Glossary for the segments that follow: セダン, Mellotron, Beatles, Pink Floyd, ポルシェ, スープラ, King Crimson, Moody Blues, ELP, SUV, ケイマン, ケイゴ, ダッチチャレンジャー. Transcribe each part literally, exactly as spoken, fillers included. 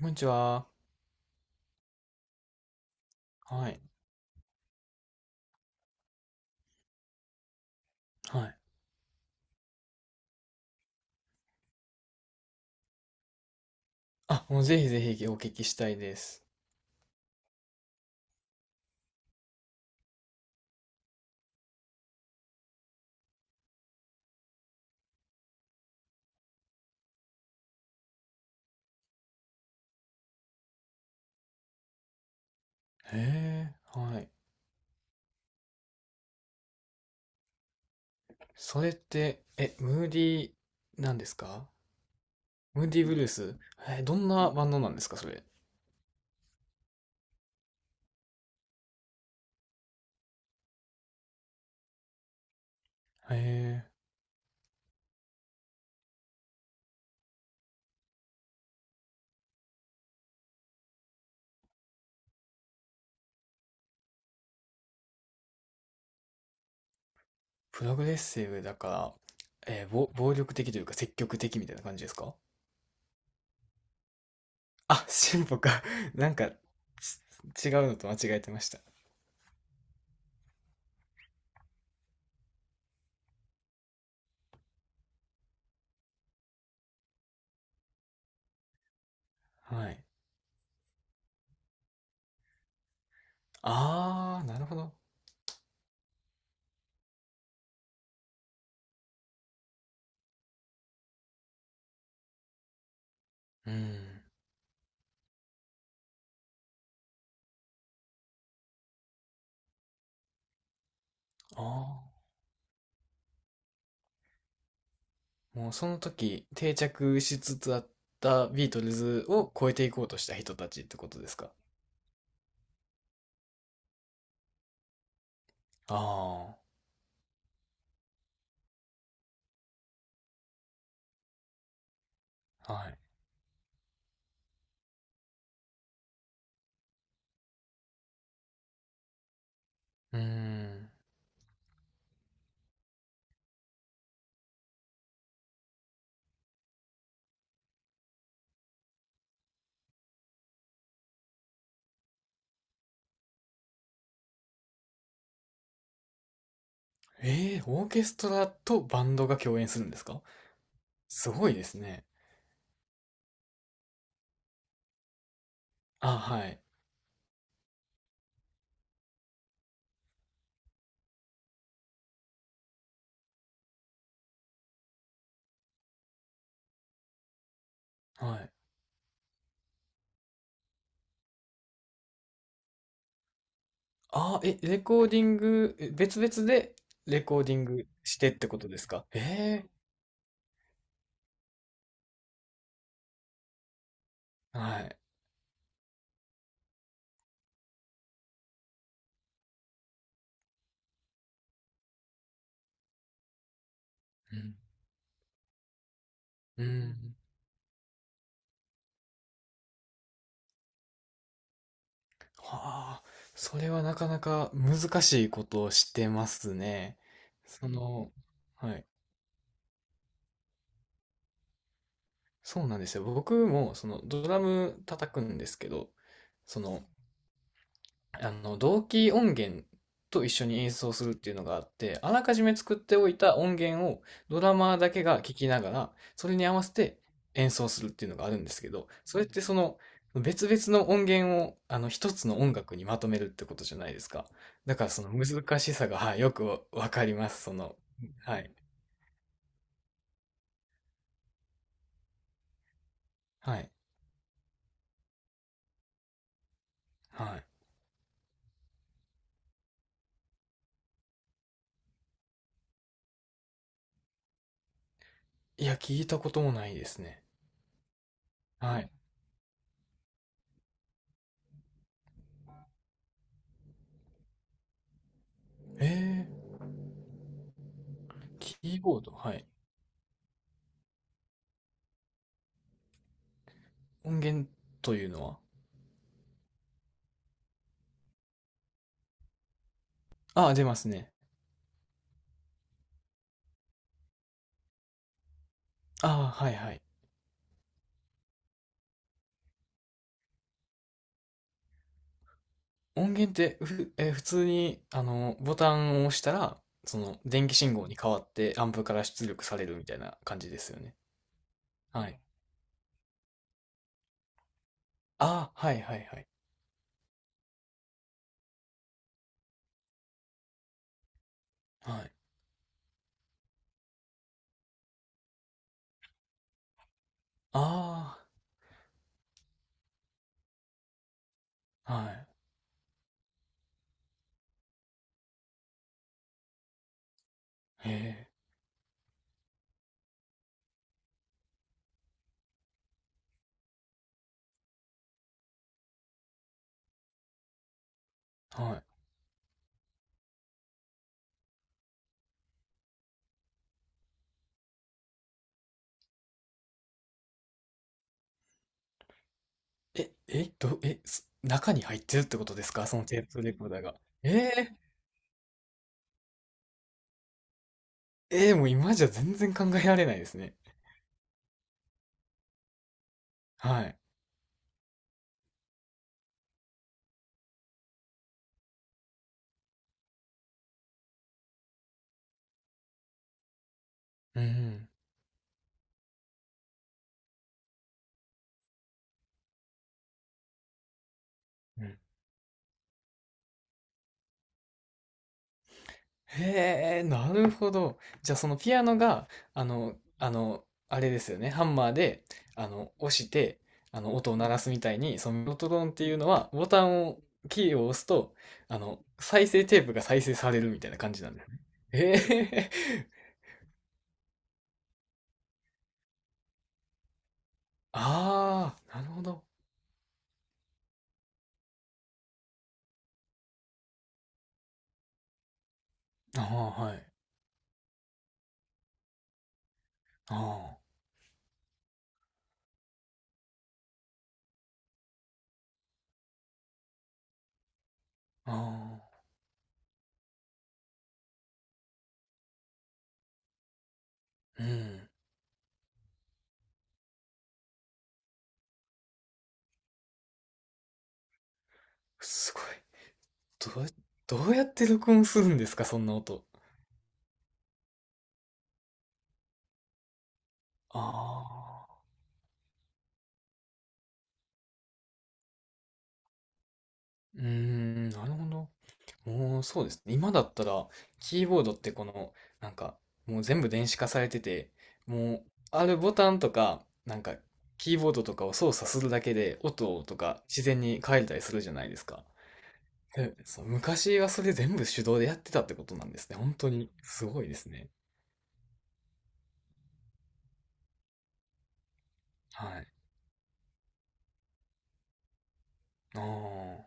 こんにちは。はい。はい。あ、もうぜひぜひお聞きしたいです。へえ、はい。それって、え、ムーディー、なんですか？ムーディーブルース、えどんなバンドなんですか、それ。へえ、プログレッシブだから、えー、ぼ暴力的というか積極的みたいな感じですか？あ、進歩か。なんか、ち違うのと間違えてました。はい。あー、なるほど。うん。あー、もうその時定着しつつあったビートルズを超えていこうとした人たちってことですか？ああ、はい。うーん。えー、オーケストラとバンドが共演するんですか？すごいですね。あ、はい。はい。あ、え、レコーディング、え別々でレコーディングしてってことですか？ええーはい。うん。うん。はあ、それはなかなか難しいことをしてますね。その、はい。そうなんですよ。僕もそのドラム叩くんですけど、その、あの同期音源と一緒に演奏するっていうのがあって、あらかじめ作っておいた音源をドラマーだけが聞きながら、それに合わせて演奏するっていうのがあるんですけど、それってその別々の音源をあの一つの音楽にまとめるってことじゃないですか。だからその難しさが、はい、よくわかります。その、はい、はい、はい。いや、聞いたこともないですね。はい。ええキーボード、はい。音源というのは、ああ、出ますね。ああ、はいはい。音源ってふ、えー普通に、あの、ボタンを押したら、その、電気信号に変わってアンプから出力されるみたいな感じですよね。はい。ああ、はいはいはい。はい。ああ、はい。へえ、はい。え、え、ど、え、す中に入ってるってことですか？そのテープレコーダーが。ええ、ええ、もう今じゃ全然考えられないですね。はい。うん。へえ、なるほど。じゃあそのピアノが、あの、あの、あれですよね。ハンマーで、あの、押して、あの、音を鳴らすみたいに、そのメロトロンっていうのは、ボタンを、キーを押すと、あの、再生テープが再生されるみたいな感じなんですね。へえ、ああ、なるほど。ああ、はい。ああ、ああ、うん。すごい。どうや、どうやって録音するんですか、そんな音。ああ。うーん、なるほど。もうそうですね。今だったら、キーボードってこの、なんか、もう全部電子化されてて、もう、あるボタンとか、なんか、キーボードとかを操作するだけで、音とか自然に変えたりするじゃないですか。えそう、昔はそれ全部手動でやってたってことなんですね。本当に、すごいですね。はい。ああ、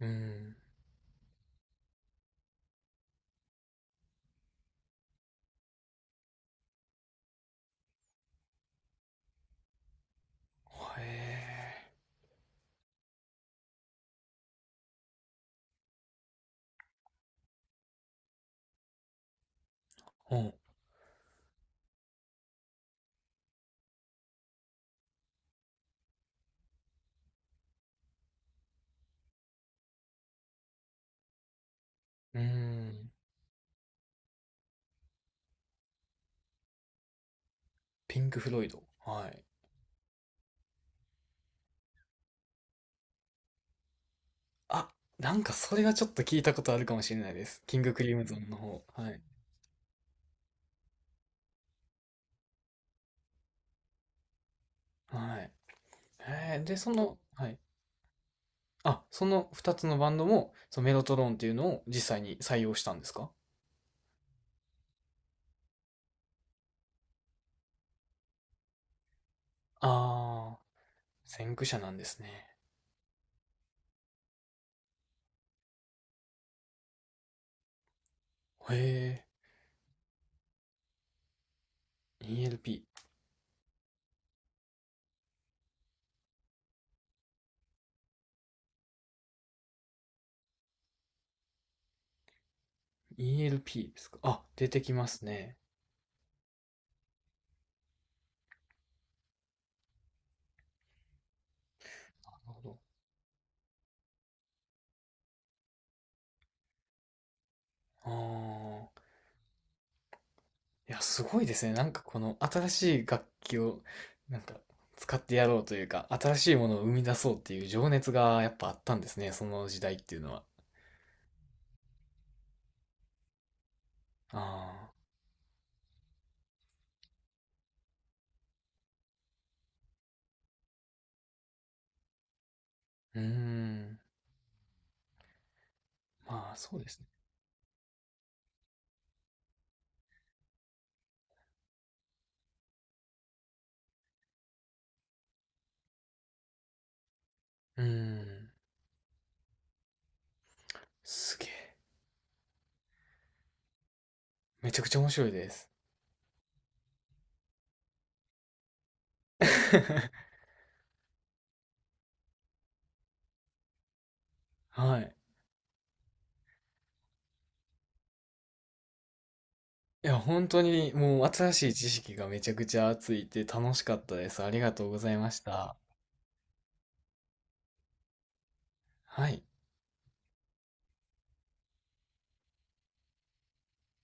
うん。へえ。うん。うん。ピンク・フロイド。はい。あ、なんかそれはちょっと聞いたことあるかもしれないです。キングクリムゾンの方。はい。はい。えーで、その、はい。あ、そのふたつのバンドも、そのメロトロンっていうのを実際に採用したんですか？ああー、先駆者なんですね。へえ、イーエルピー。イーエルピー ですか。あ、出てきますね。なるほど。あ。いや、すごいですね。なんかこの新しい楽器をなんか使ってやろうというか、新しいものを生み出そうっていう情熱がやっぱあったんですね。その時代っていうのは。ああ、うーん。まあ、そうですね。うーん。すげえ。めちゃくちゃ面白いです。はい。いや、本当にもう新しい知識がめちゃくちゃついて楽しかったです。ありがとうございました。はい。